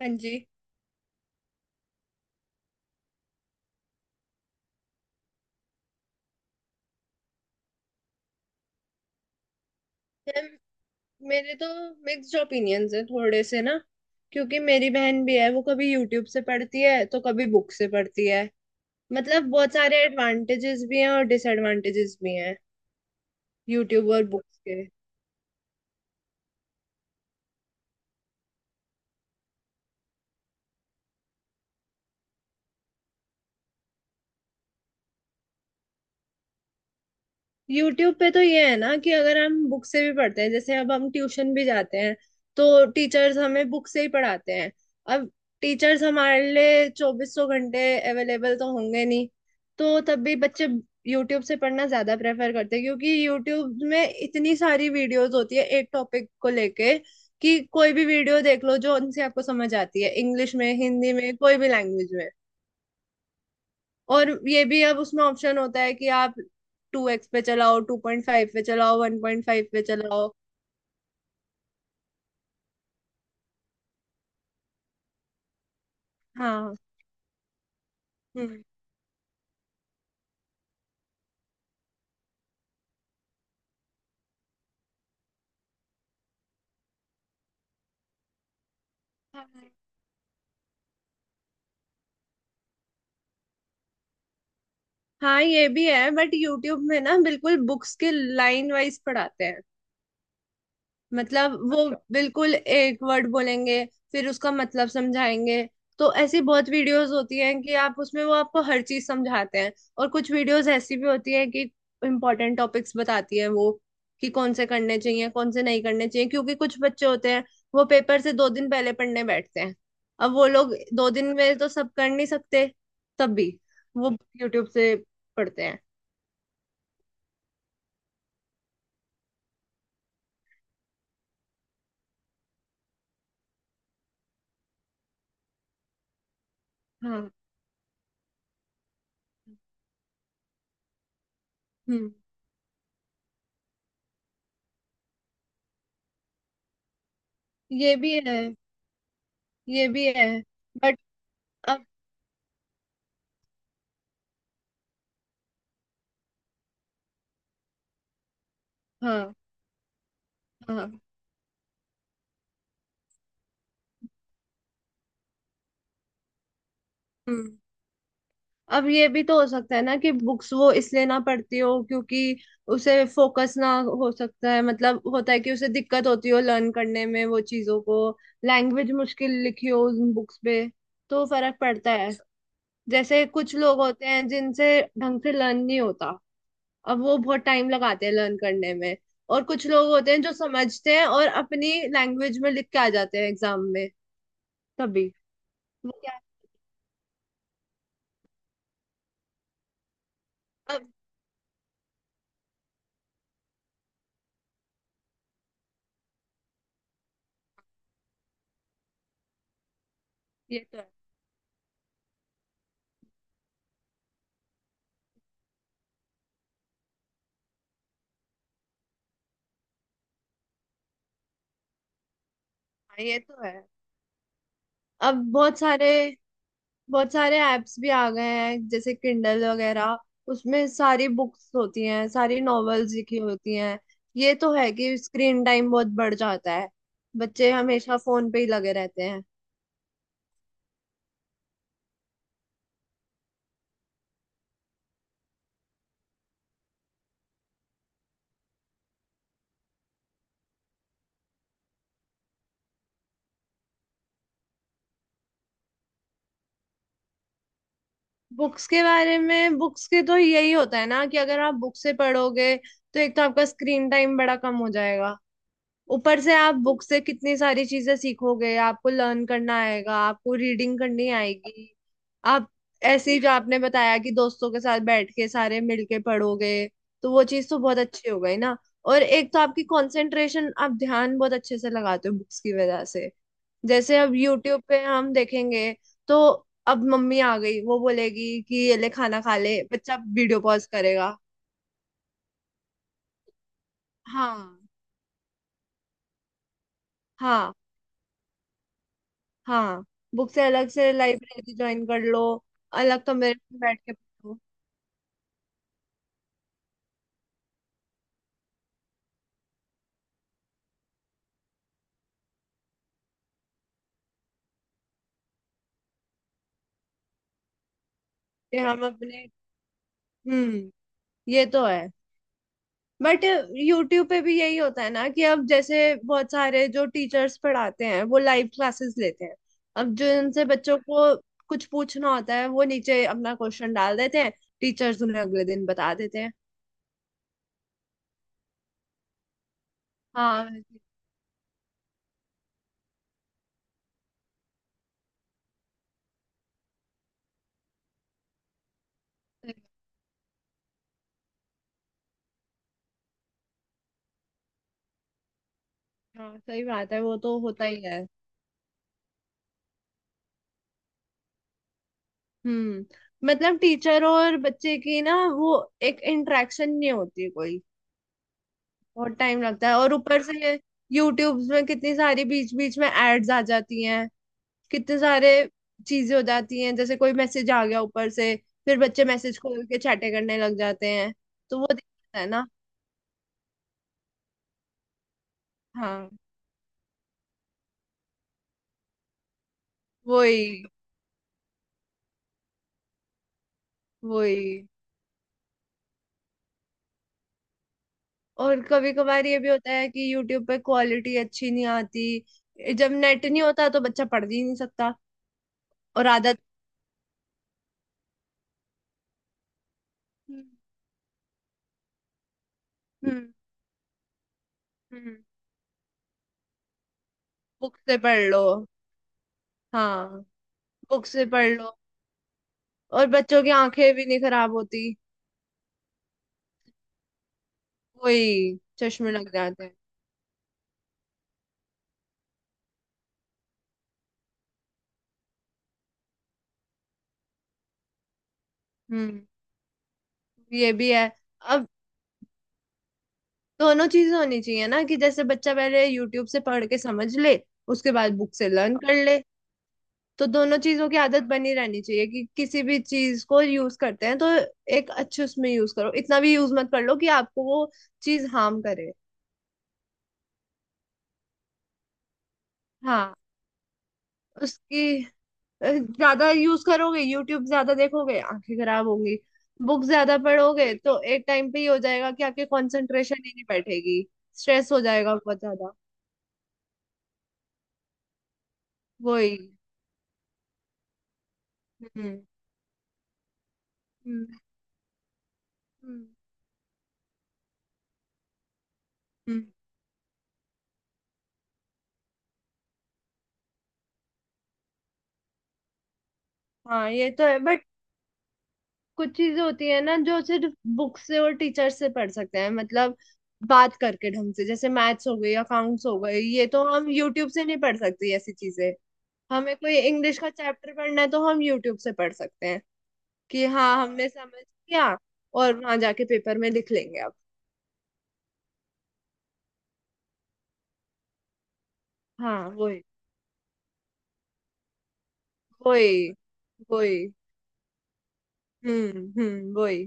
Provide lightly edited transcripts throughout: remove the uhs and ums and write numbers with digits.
हाँ जी। मैम, मेरे तो मिक्स्ड ओपिनियंस है थोड़े से ना, क्योंकि मेरी बहन भी है। वो कभी यूट्यूब से पढ़ती है तो कभी बुक से पढ़ती है। मतलब बहुत सारे एडवांटेजेस भी हैं और डिसएडवांटेजेस भी हैं यूट्यूब और बुक्स के। यूट्यूब पे तो ये है ना कि अगर हम बुक से भी पढ़ते हैं, जैसे अब हम ट्यूशन भी जाते हैं तो टीचर्स हमें बुक से ही पढ़ाते हैं। अब टीचर्स हमारे लिए चौबीसों घंटे अवेलेबल तो होंगे नहीं, तो तब भी बच्चे यूट्यूब से पढ़ना ज्यादा प्रेफर करते हैं, क्योंकि यूट्यूब में इतनी सारी वीडियोस होती है एक टॉपिक को लेके, कि कोई भी वीडियो देख लो जो उनसे आपको समझ आती है, इंग्लिश में, हिंदी में, कोई भी लैंग्वेज में। और ये भी अब उसमें ऑप्शन होता है कि आप 2x पे चलाओ, 2.5 पे चलाओ, 1.5 पे चलाओ। हाँ। हम्म। हाँ ये भी है, बट यूट्यूब में ना बिल्कुल बुक्स के लाइन वाइज पढ़ाते हैं। मतलब वो बिल्कुल एक वर्ड बोलेंगे, फिर उसका मतलब समझाएंगे। तो ऐसी बहुत वीडियोस होती हैं कि आप उसमें वो आपको हर चीज समझाते हैं। और कुछ वीडियोस ऐसी भी होती है कि इम्पोर्टेंट टॉपिक्स बताती है वो, कि कौन से करने चाहिए कौन से नहीं करने चाहिए, क्योंकि कुछ बच्चे होते हैं वो पेपर से 2 दिन पहले पढ़ने बैठते हैं। अब वो लोग 2 दिन में तो सब कर नहीं सकते, तब भी वो यूट्यूब से पढ़ते हैं। हाँ। हम्म। ये भी है। ये भी है बट अब। हाँ। हाँ। हम्म। अब ये भी तो हो सकता है ना कि बुक्स वो इसलिए ना पढ़ती हो, क्योंकि उसे फोकस ना, हो सकता है मतलब होता है कि उसे दिक्कत होती हो लर्न करने में वो चीजों को, लैंग्वेज मुश्किल लिखी हो उन बुक्स पे। तो फर्क पड़ता है। जैसे कुछ लोग होते हैं जिनसे ढंग से लर्न नहीं होता, अब वो बहुत टाइम लगाते हैं लर्न करने में। और कुछ लोग होते हैं जो समझते हैं और अपनी लैंग्वेज में लिख के आ जाते हैं एग्जाम में। तभी। वो क्या। अब ये तो है। हाँ, ये तो है। अब बहुत सारे ऐप्स भी आ गए हैं जैसे किंडल वगैरह। उसमें सारी बुक्स होती हैं, सारी नॉवेल्स लिखी होती हैं। ये तो है कि स्क्रीन टाइम बहुत बढ़ जाता है, बच्चे हमेशा फोन पे ही लगे रहते हैं। बुक्स के बारे में, बुक्स के तो यही होता है ना कि अगर आप बुक से पढ़ोगे तो एक तो आपका स्क्रीन टाइम बड़ा कम हो जाएगा। ऊपर से आप बुक से कितनी सारी चीजें सीखोगे, आपको लर्न करना आएगा, आपको रीडिंग करनी आएगी। आप ऐसे ही जो आपने बताया कि दोस्तों के साथ बैठ के सारे मिलके पढ़ोगे, तो वो चीज तो बहुत अच्छी हो गई ना। और एक तो आपकी कंसंट्रेशन, आप ध्यान बहुत अच्छे से लगाते हो बुक्स की वजह से। जैसे अब यूट्यूब पे हम देखेंगे तो अब मम्मी आ गई, वो बोलेगी कि ये ले खाना खा ले, बच्चा वीडियो पॉज करेगा। हाँ। हाँ। हाँ। बुक से अलग से लाइब्रेरी ज्वाइन कर लो, अलग कमरे में बैठ के पढ़ो। कि हम अपने। हम्म। ये तो है, बट यूट्यूब पे भी यही होता है ना कि अब जैसे बहुत सारे जो टीचर्स पढ़ाते हैं वो लाइव क्लासेस लेते हैं। अब जो इनसे बच्चों को कुछ पूछना होता है वो नीचे अपना क्वेश्चन डाल देते हैं, टीचर्स उन्हें अगले दिन बता देते हैं। हाँ वैसे- तो, हाँ सही बात है वो तो होता ही है। हम्म। मतलब टीचर और बच्चे की ना वो एक इंटरेक्शन नहीं होती कोई, बहुत टाइम लगता है। और ऊपर से यूट्यूब में कितनी सारी बीच बीच में एड्स आ जाती हैं, कितने सारे चीजें हो जाती हैं, जैसे कोई मैसेज आ गया ऊपर से, फिर बच्चे मैसेज खोल के चैटें करने लग जाते हैं। तो वो दिक्कत है ना। हाँ। वही। वही। और कभी कभार ये भी होता है कि यूट्यूब पे क्वालिटी अच्छी नहीं आती, जब नेट नहीं होता तो बच्चा पढ़ भी नहीं सकता। और आदत। हम्म। हम्म। बुक से पढ़ लो। हाँ। बुक से पढ़ लो। और बच्चों की आंखें भी नहीं खराब होती। वही, चश्मे लग जाते हैं। हम्म। ये भी है। अब दोनों चीजें होनी चाहिए ना, कि जैसे बच्चा पहले यूट्यूब से पढ़ के समझ ले, उसके बाद बुक से लर्न कर ले। तो दोनों चीजों की आदत बनी रहनी चाहिए कि किसी भी चीज को यूज करते हैं तो एक अच्छे उसमें यूज करो, इतना भी यूज मत कर लो कि आपको वो चीज हार्म करे। हाँ। उसकी, ज्यादा यूज करोगे यूट्यूब ज्यादा देखोगे आंखें खराब होंगी। बुक ज्यादा पढ़ोगे तो एक टाइम पे ही हो जाएगा कि आपकी कंसंट्रेशन ही नहीं बैठेगी, स्ट्रेस हो जाएगा बहुत ज्यादा। वही। हम्म। हम्म। हम्म। हम्म। हाँ ये तो है, बट कुछ चीजें होती है ना जो सिर्फ बुक से और टीचर से पढ़ सकते हैं, मतलब बात करके ढंग से। जैसे मैथ्स हो गई, अकाउंट्स हो गए, ये तो हम यूट्यूब से नहीं पढ़ सकते। ऐसी चीजें हमें कोई इंग्लिश का चैप्टर पढ़ना है तो हम यूट्यूब से पढ़ सकते हैं, कि हाँ हमने समझ लिया, और वहां जाके पेपर में लिख लेंगे अब। हाँ। वही। वही। वही। हम्म। हम्म। वही।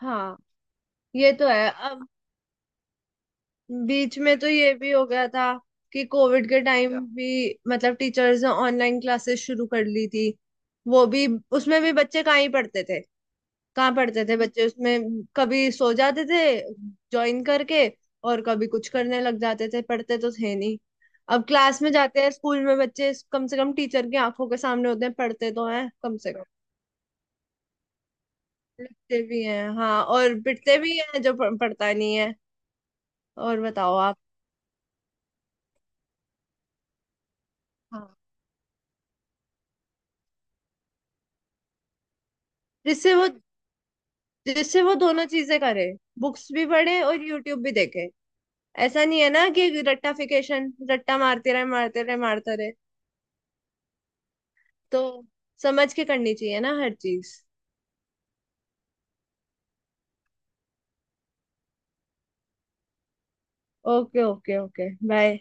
हाँ ये तो है। अब बीच में तो ये भी हो गया था कि कोविड के टाइम भी मतलब टीचर्स ने ऑनलाइन क्लासेस शुरू कर ली थी। वो भी, उसमें भी बच्चे कहाँ ही पढ़ते थे। कहाँ पढ़ते थे बच्चे उसमें, कभी सो जाते थे ज्वाइन करके, और कभी कुछ करने लग जाते थे, पढ़ते तो थे नहीं। अब क्लास में जाते हैं स्कूल में, बच्चे कम से कम टीचर की आंखों के सामने होते हैं, पढ़ते तो हैं कम से कम, लिखते भी हैं। हाँ, और पिटते भी हैं जो पढ़ता नहीं है। और बताओ आप। हाँ, जिससे वो, जिससे वो दोनों चीजें करे, बुक्स भी पढ़े और यूट्यूब भी देखे। ऐसा नहीं है ना कि रट्टाफिकेशन, रट्टा मारते रहे मारते रहे मारते रहे। तो समझ के करनी चाहिए ना हर चीज। Okay okay okay, bye.